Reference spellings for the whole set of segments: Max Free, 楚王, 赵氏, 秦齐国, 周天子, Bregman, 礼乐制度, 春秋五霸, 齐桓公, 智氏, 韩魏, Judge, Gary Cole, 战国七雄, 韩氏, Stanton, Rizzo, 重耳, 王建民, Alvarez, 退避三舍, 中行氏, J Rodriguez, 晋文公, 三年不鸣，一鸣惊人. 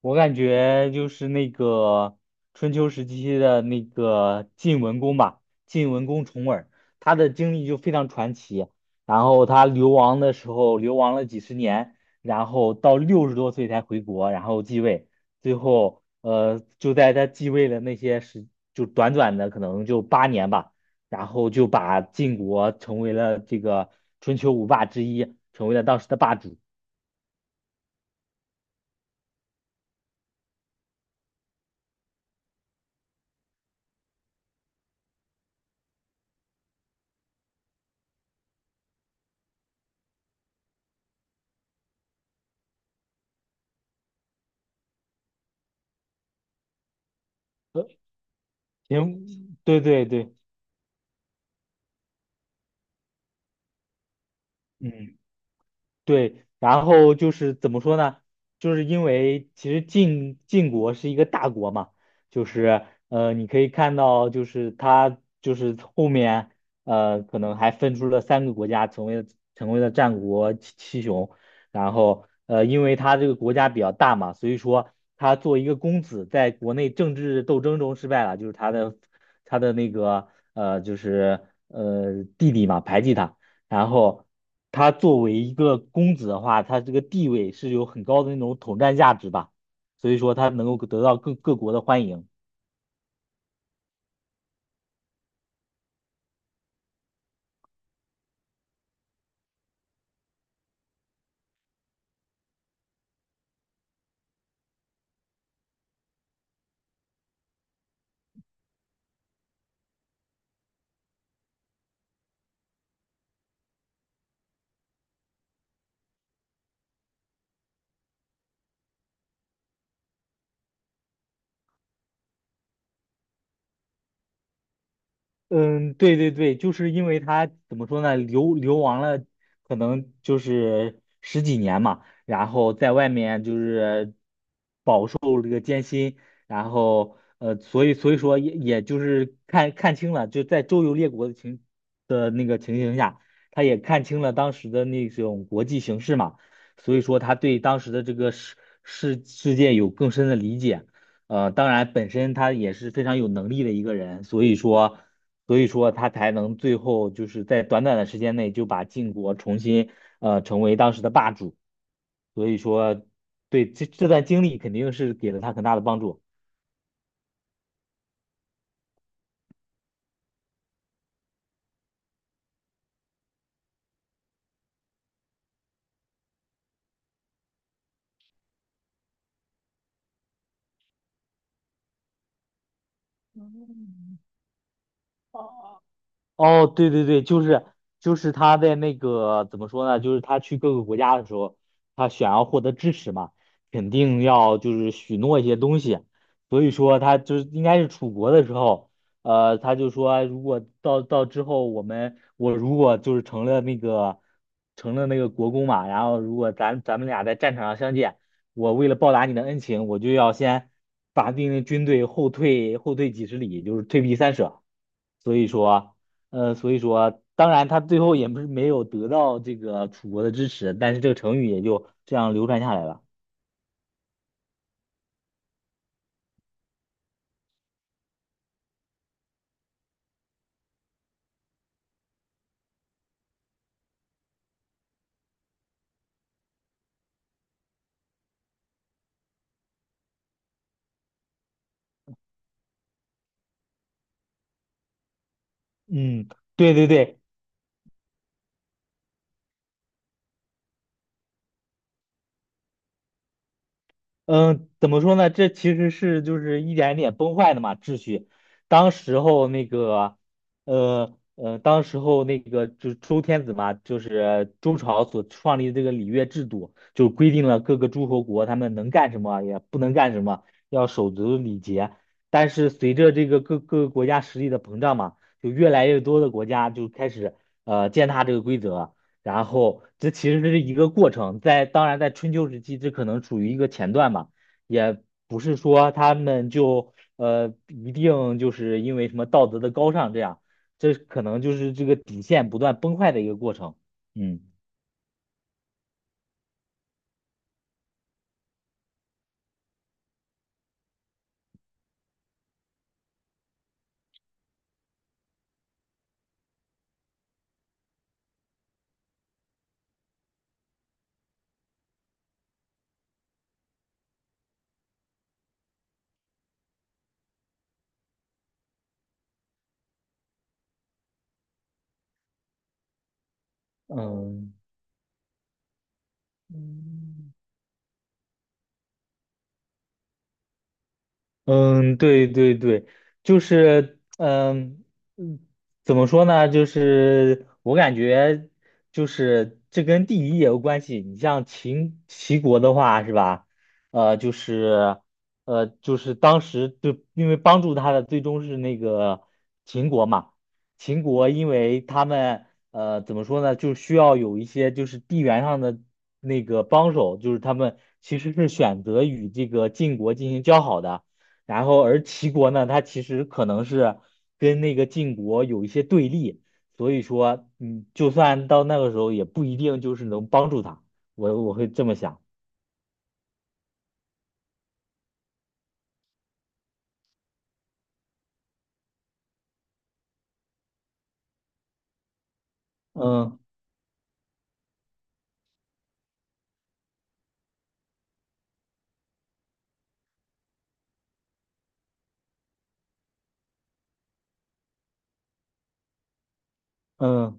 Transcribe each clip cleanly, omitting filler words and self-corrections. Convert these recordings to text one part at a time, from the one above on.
我感觉就是那个春秋时期的那个晋文公吧，晋文公重耳，他的经历就非常传奇。然后他流亡的时候，流亡了几十年，然后到六十多岁才回国，然后继位。最后，就在他继位的那些时，就短短的可能就8年吧，然后就把晋国成为了这个春秋五霸之一，成为了当时的霸主。呃，行，对对对，嗯。对，然后就是怎么说呢？就是因为其实晋国是一个大国嘛，就是你可以看到，就是他就是后面可能还分出了3个国家，成为了战国七雄。然后因为他这个国家比较大嘛，所以说他作为一个公子，在国内政治斗争中失败了，就是他的那个就是弟弟嘛排挤他。然后他作为一个公子的话，他这个地位是有很高的那种统战价值吧，所以说他能够得到各国的欢迎。嗯，对对对，就是因为他怎么说呢，流亡了，可能就是十几年嘛，然后在外面就是。然后所以说也就是看清了，就在周游列国的那个情形下，他也看清了当时的那种国际形势嘛，所以说他对当时的这个世界有更深的理解。当然本身他也是非常有能力的一个人，所以说他才能最后就是在短短的时间内就把晋国重新成为当时的霸主。所以说，对这段经历肯定是给了他很大的帮助。哦，对对对，就是他在那个怎么说呢？就是他去各个国家的时候，他想要获得支持嘛，肯定要就是许诺一些东西。所以说他就是应该是楚国的时候，他就说如果到之后我如果就是成了那个国公嘛，然后如果咱们俩在战场上相见，我为了报答你的恩情，我就要先把命令军队后退几十里，就是退避三舍。所以说。所以说，当然他最后也不是没有得到这个楚国的支持，但是这个成语也就这样流传下来了。嗯，对对对，嗯，怎么说呢？这其实是就是一点一点崩坏的嘛，秩序。当时候那个，当时候那个就是周天子嘛，就是周朝所创立的这个礼乐制度，就规定了各个诸侯国他们能干什么，也不能干什么，要守足礼节。但是随着这个各个国家实力的膨胀嘛，就越来越多的国家就开始践踏这个规则，然后这其实是一个过程，当然在春秋时期，这可能处于一个前段吧，也不是说他们就一定就是因为什么道德的高尚这样，这可能就是这个底线不断崩坏的一个过程。嗯嗯，嗯。嗯，对对对，就是嗯怎么说呢？就是我感觉，就是这跟地理也有关系。你像秦齐国的话，是吧？就是当时就因为帮助他的最终是那个秦国嘛。秦国因为他们怎么说呢，就需要有一些就是地缘上的那个帮手，就是他们其实是选择与这个晋国进行交好的。然后而齐国呢，它其实可能是跟那个晋国有一些对立，所以说，嗯，就算到那个时候，也不一定就是能帮助他。我会这么想，嗯嗯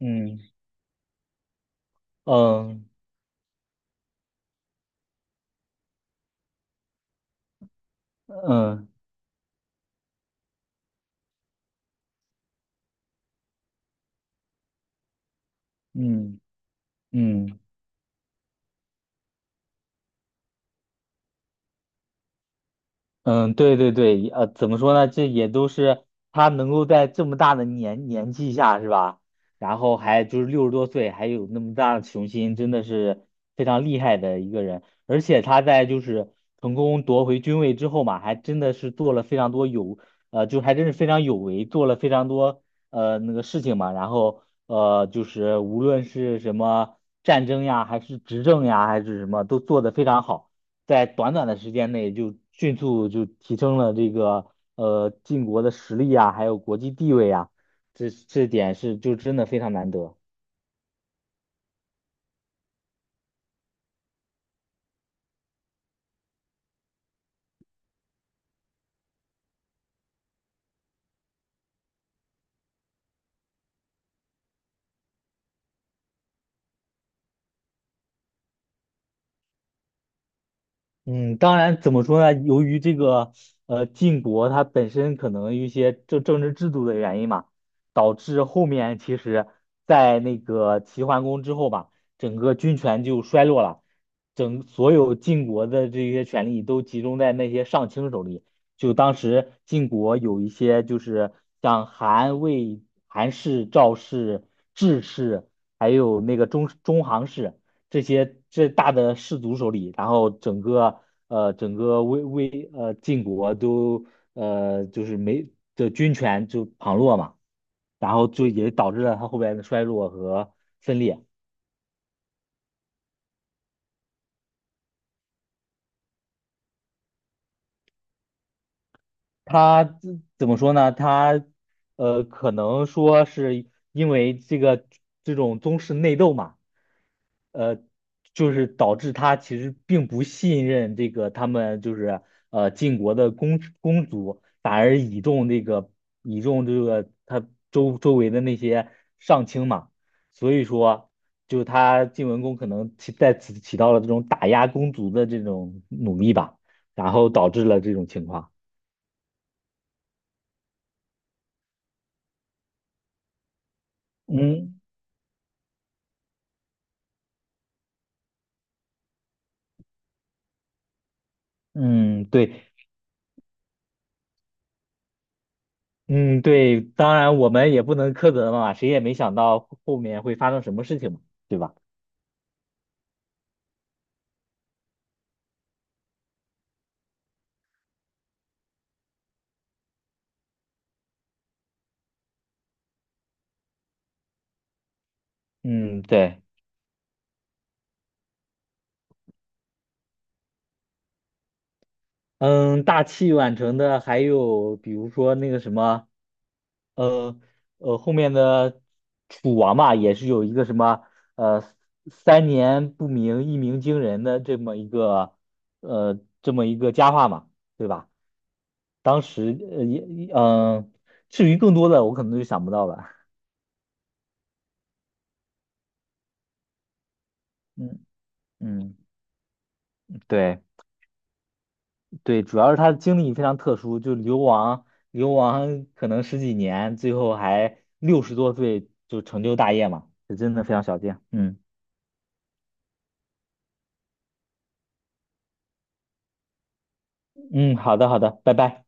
嗯嗯嗯嗯嗯。嗯嗯，对对对，怎么说呢？这也都是他能够在这么大的年纪下，是吧？然后还就是六十多岁，还有那么大的雄心，真的是非常厉害的一个人。而且他在就是成功夺回军位之后嘛，还真的是做了非常多就还真是非常有为，做了非常多那个事情嘛。然后就是无论是什么战争呀，还是执政呀，还是什么，都做得非常好。在短短的时间内就迅速就提升了这个晋国的实力啊，还有国际地位啊，这点是就真的非常难得。嗯，当然，怎么说呢？由于这个晋国它本身可能一些政治制度的原因嘛，导致后面其实，在那个齐桓公之后吧，整个军权就衰落了，所有晋国的这些权力都集中在那些上卿手里。就当时晋国有一些就是像韩魏、韩氏、赵氏、智氏，还有那个中行氏。这些大的氏族手里，然后整个魏魏呃晋国都就是没的军权就旁落嘛，然后就也导致了他后边的衰落和分裂。他怎么说呢？他可能说是因为这种宗室内斗嘛，呃，就是导致他其实并不信任这个他们就是晋国的公族，反而倚重他周围的那些上卿嘛，所以说就他晋文公可能在此起到了这种打压公族的这种努力吧，然后导致了这种情况。嗯。嗯，对，嗯，对，当然我们也不能苛责嘛，谁也没想到后面会发生什么事情嘛，对吧？嗯，对，嗯，大器晚成的还有比如说那个什么，呃后面的楚王嘛，也是有一个什么呃三年不鸣，一鸣惊人的这么一个佳话嘛，对吧？当时呃也嗯、呃至于更多的我可能就想不到了，嗯嗯，对。对，主要是他的经历非常特殊，就流亡可能十几年，最后还六十多岁就成就大业嘛，这真的非常少见。嗯嗯，好的好的，拜拜。